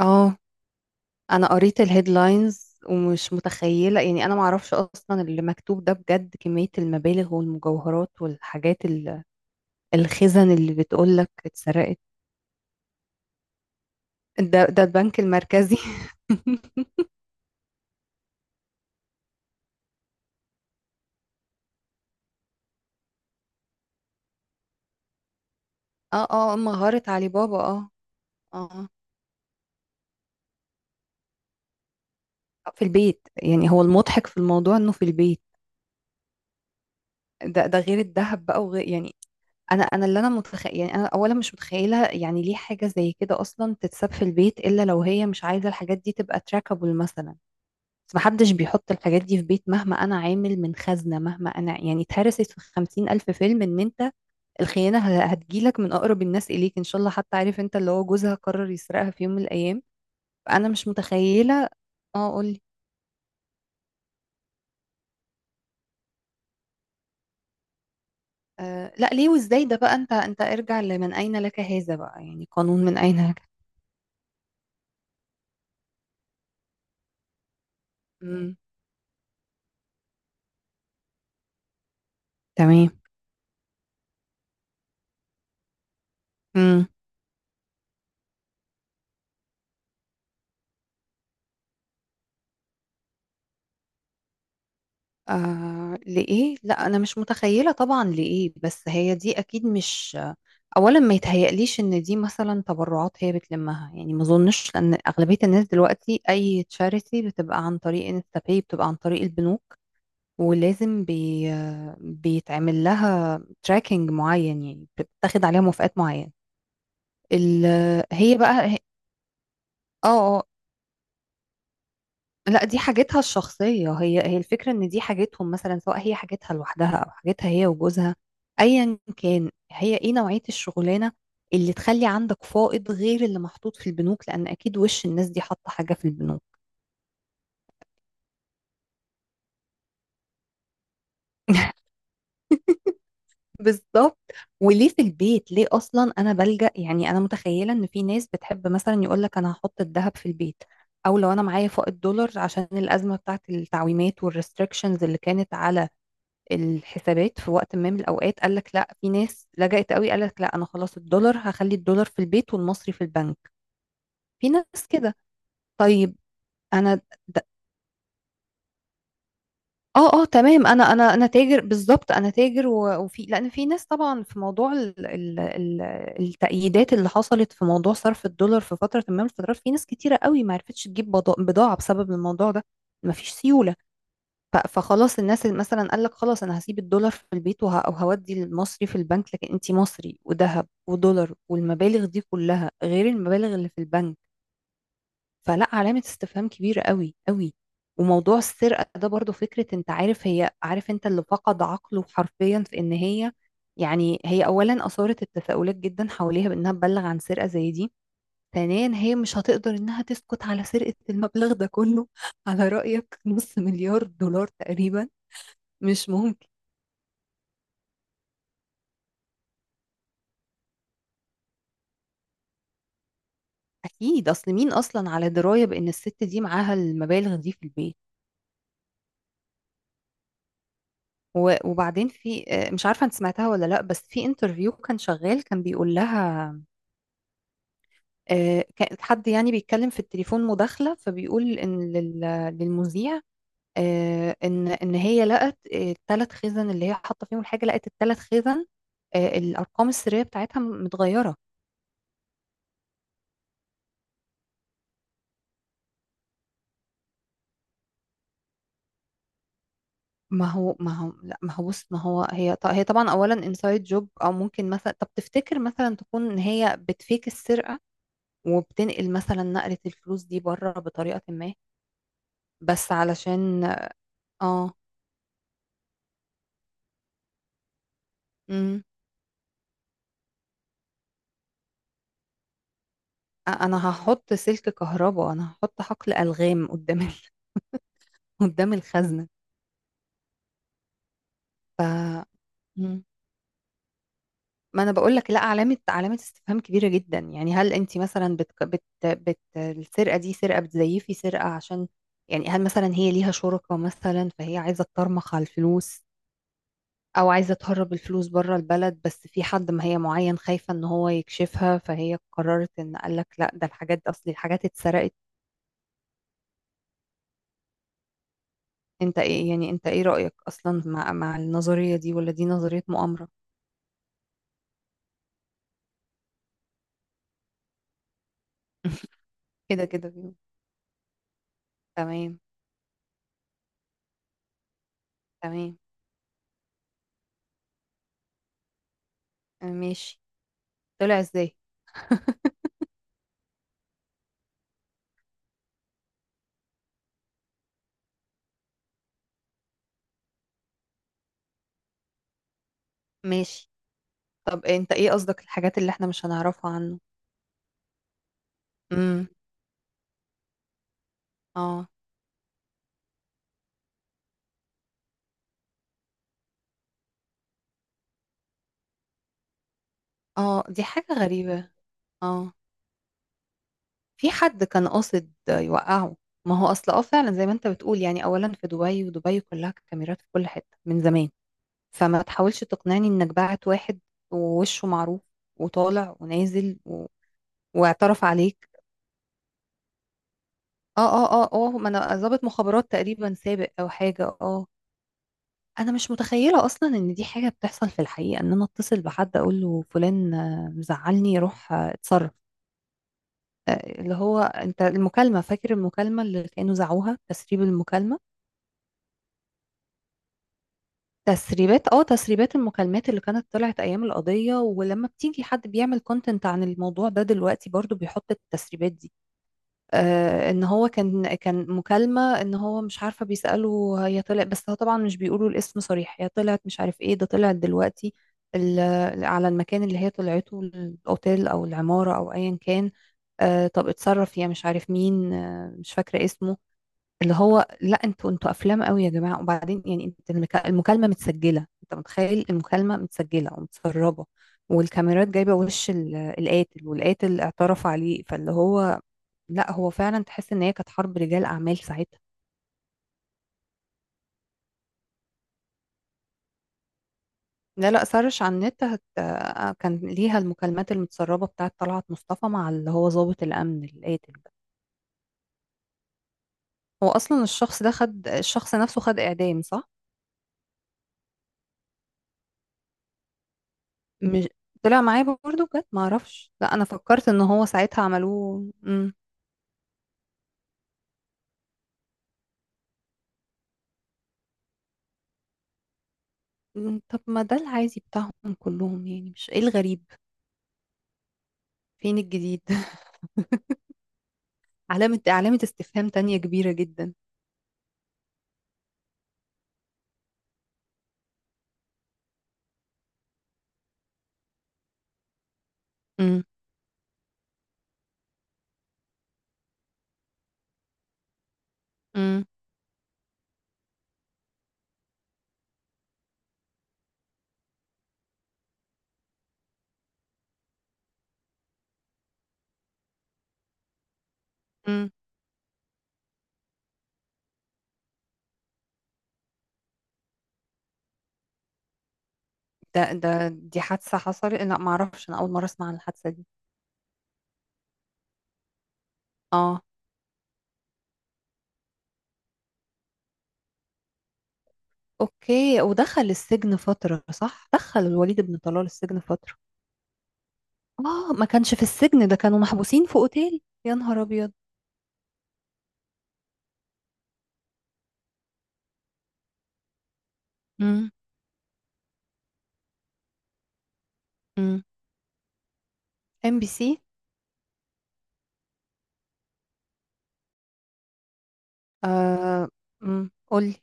اه، انا قريت الهيدلاينز ومش متخيله، يعني انا معرفش اصلا اللي مكتوب ده بجد، كميه المبالغ والمجوهرات والحاجات الخزن اللي بتقولك اتسرقت. ده البنك المركزي. اه، اه، مغارة علي بابا. اه، اه في البيت، يعني هو المضحك في الموضوع انه في البيت. ده غير الذهب بقى وغير، يعني انا اللي انا متخيل، يعني انا اولا مش متخيله يعني ليه حاجه زي كده اصلا تتساب في البيت الا لو هي مش عايزه الحاجات دي تبقى تراكابل مثلا. بس محدش بيحط الحاجات دي في بيت، مهما أنا عامل من خزنة، مهما أنا، يعني اتهرست في 50,000 فيلم إن أنت الخيانة هتجيلك من أقرب الناس إليك إن شاء الله، حتى عارف أنت اللي هو جوزها قرر يسرقها في يوم من الأيام. فأنا مش متخيلة. اه، قولي. آه، لا ليه وإزاي ده بقى، أنت أنت ارجع لمن أين لك هذا بقى، يعني قانون من أين لك. مم. تمام. مم. آه، لإيه، لا أنا مش متخيلة طبعا لإيه، بس هي دي أكيد مش، اولا ما يتهيأليش ان دي مثلا تبرعات هي بتلمها، يعني ما اظنش لان اغلبيه الناس دلوقتي اي تشاريتي بتبقى عن طريق انستا باي، بتبقى عن طريق البنوك. ولازم بيتعمل لها تراكنج معين، يعني بتاخد عليها موافقات معينه. ال... هي بقى، اه، اه، لا دي حاجتها الشخصية. هي الفكرة ان دي حاجتهم مثلا، سواء هي حاجتها لوحدها او حاجتها هي وجوزها، ايا كان هي ايه نوعية الشغلانة اللي تخلي عندك فائض غير اللي محطوط في البنوك، لان اكيد وش الناس دي حاطة حاجة في البنوك. بالظبط. وليه في البيت، ليه اصلا انا بلجأ، يعني انا متخيلة ان في ناس بتحب مثلا يقول لك انا هحط الذهب في البيت، او لو انا معايا فائض دولار عشان الازمة بتاعت التعويمات والريستريكشنز اللي كانت على الحسابات في وقت ما من الأوقات. قال لك لا، في ناس لجأت قوي، قال لك لا، أنا خلاص الدولار هخلي الدولار في البيت والمصري في البنك. في ناس كده. طيب. أنا د... اه، اه، تمام. انا تاجر بالظبط، انا تاجر وفي، لان في ناس طبعا في موضوع ال التأييدات اللي حصلت في موضوع صرف الدولار في فترة ما من الفترات، في ناس كتيرة قوي ما عرفتش تجيب بضاعة بسبب الموضوع ده. مفيش سيولة. فخلاص الناس اللي مثلا قال لك خلاص انا هسيب الدولار في البيت او هودي المصري في البنك، لكن انت مصري وذهب ودولار والمبالغ دي كلها غير المبالغ اللي في البنك. فلا، علامة استفهام كبيرة قوي قوي. وموضوع السرقة ده برضو، فكرة انت عارف، هي عارف، انت اللي فقد عقله حرفيا في ان هي، يعني هي اولا اثارت التساؤلات جدا حواليها بانها تبلغ عن سرقة زي دي. ثانيا هي مش هتقدر انها تسكت على سرقة المبلغ ده كله، على رأيك نص مليار دولار تقريبا. مش ممكن. اكيد، اصل مين اصلا على درايه بان الست دي معاها المبالغ دي في البيت؟ وبعدين في مش عارفه انت سمعتها ولا لا، بس في انترفيو كان شغال كان بيقول لها، كان حد يعني بيتكلم في التليفون مداخله، فبيقول ان للمذيع ان هي لقت الثلاث خزن اللي هي حاطه فيهم الحاجه، لقت الثلاث خزن الارقام السريه بتاعتها متغيره. ما هو، لا، ما هو بص، ما هو هي هي طبعا اولا انسايد جوب، او ممكن مثلا، طب تفتكر مثلا تكون ان هي بتفيك السرقه وبتنقل مثلا نقله الفلوس دي بره بطريقه ما، بس علشان، اه امم انا هحط سلك كهرباء، انا هحط حقل الغام قدام قدام الخزنه. ف، مم. ما انا بقول لك، لا علامه استفهام كبيره جدا. يعني هل انت مثلا بت السرقه دي سرقه، بتزيفي سرقه عشان، يعني هل مثلا هي ليها شركاء مثلا فهي عايزه تطرمخ على الفلوس، او عايزه تهرب الفلوس بره البلد، بس في حد ما هي معين خايفه ان هو يكشفها، فهي قررت ان قال لك لا، ده الحاجات دي اصلي الحاجات اتسرقت. انت ايه يعني، انت ايه رايك اصلا مع النظريه دي، ولا دي نظريه مؤامره؟ كده كده. تمام. تمام. ماشي. طلع ازاي؟ ماشي. طب انت ايه قصدك الحاجات اللي احنا مش هنعرفها عنه؟ امم اه، اه، دي حاجة غريبة. اه، في حد كان قاصد يوقعه. ما هو اصل، اه، فعلا زي ما انت بتقول، يعني اولا في دبي، ودبي كلها كاميرات في كل حتة من زمان، فما تحاولش تقنعني انك باعت واحد ووشه معروف وطالع ونازل و... واعترف عليك. اه، اه، اه، اه، ما انا ضابط مخابرات تقريبا سابق او حاجة. اه، انا مش متخيله اصلا ان دي حاجه بتحصل في الحقيقه، ان انا اتصل بحد اقول له فلان مزعلني، روح اتصرف آه، اللي هو انت المكالمه، فاكر المكالمه اللي كانوا زعوها، تسريب المكالمه؟ تسريبات، تسريبات المكالمات اللي كانت طلعت ايام القضيه، ولما بتيجي حد بيعمل كونتنت عن الموضوع ده دلوقتي برضو بيحط التسريبات دي. ان هو كان مكالمة، ان هو مش عارفة بيسأله هي طلعت، بس هو طبعا مش بيقولوا الاسم صريح، هي طلعت مش عارف ايه، ده طلعت دلوقتي على المكان اللي هي طلعته، الاوتيل او العمارة او ايا كان. آه، طب اتصرف يا مش عارف مين، آه مش فاكرة اسمه. اللي هو لا، انتوا افلام قوي يا جماعة. وبعدين يعني، انت المكالمة متسجلة، انت متخيل المكالمة متسجلة ومتسربة، والكاميرات جايبة وش القاتل، والقاتل اعترف عليه، فاللي هو لا، هو فعلا تحس ان هي كانت حرب رجال اعمال ساعتها. لا لا، سرش على النت هت... آه، كان ليها المكالمات المتسربه بتاعه طلعت مصطفى مع اللي هو ضابط الامن القاتل ده. هو اصلا الشخص ده خد، الشخص نفسه خد اعدام صح؟ مش طلع معايا برضه بجد، ما اعرفش، لا انا فكرت ان هو ساعتها عملوه. مم. طب ما ده العادي بتاعهم كلهم، يعني مش ايه الغريب؟ فين الجديد؟ علامه استفهام تانية كبيره جدا. امم ده ده دي حادثة حصلت؟ لا ما اعرفش، انا اول مرة اسمع عن الحادثة دي. اه. اوكي، ودخل السجن فترة؟ صح، دخل الوليد بن طلال السجن فترة؟ اه، ما كانش في السجن، ده كانوا محبوسين في اوتيل، يا نهار ابيض. امم امم ام بي سي. آه، قولي.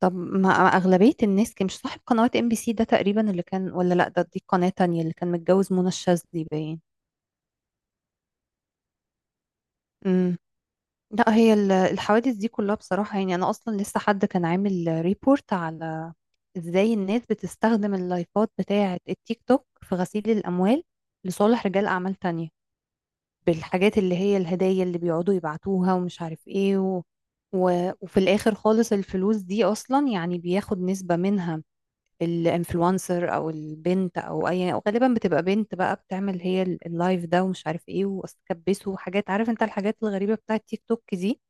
طب، ما أغلبية الناس، كان مش صاحب قنوات MBC ده تقريبا اللي كان؟ ولا لا، ده دي قناة تانية اللي كان متجوز منى الشاذلي باين. مم. لا هي الحوادث دي كلها بصراحة، يعني أنا أصلا لسه حد كان عامل ريبورت على إزاي الناس بتستخدم اللايفات بتاعة التيك توك في غسيل الأموال لصالح رجال أعمال تانية، بالحاجات اللي هي الهدايا اللي بيقعدوا يبعتوها ومش عارف إيه وفي الآخر خالص الفلوس دي أصلا، يعني بياخد نسبة منها الانفلونسر أو البنت أو أي، أو غالبا بتبقى بنت بقى، بتعمل هي اللايف ده ومش عارف إيه وأستكبسه وحاجات، عارف أنت الحاجات الغريبة بتاعة تيك توك دي.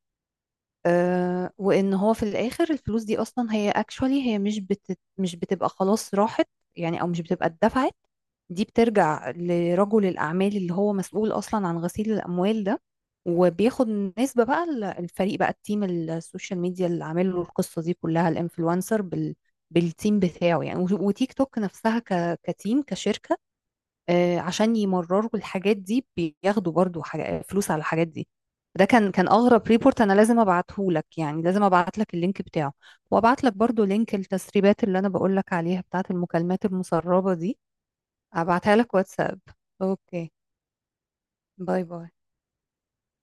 وان هو في الاخر الفلوس دي اصلا هي اكشوالي، هي مش بتبقى خلاص راحت، يعني او مش بتبقى اتدفعت، دي بترجع لرجل الاعمال اللي هو مسؤول اصلا عن غسيل الاموال ده. وبياخد نسبة بقى، الفريق بقى، التيم السوشيال ميديا اللي عامل له القصة دي كلها، الانفلونسر بالتيم بتاعه يعني، وتيك توك نفسها، كتيم كشركة، عشان يمرروا الحاجات دي بياخدوا برضو حاجة فلوس على الحاجات دي. ده كان، كان اغرب ريبورت، انا لازم ابعته لك، يعني لازم ابعت لك اللينك بتاعه، وابعت لك برضو لينك التسريبات اللي انا بقول لك عليها، بتاعت المكالمات المسربة دي. ابعتها لك واتساب. اوكي. باي باي.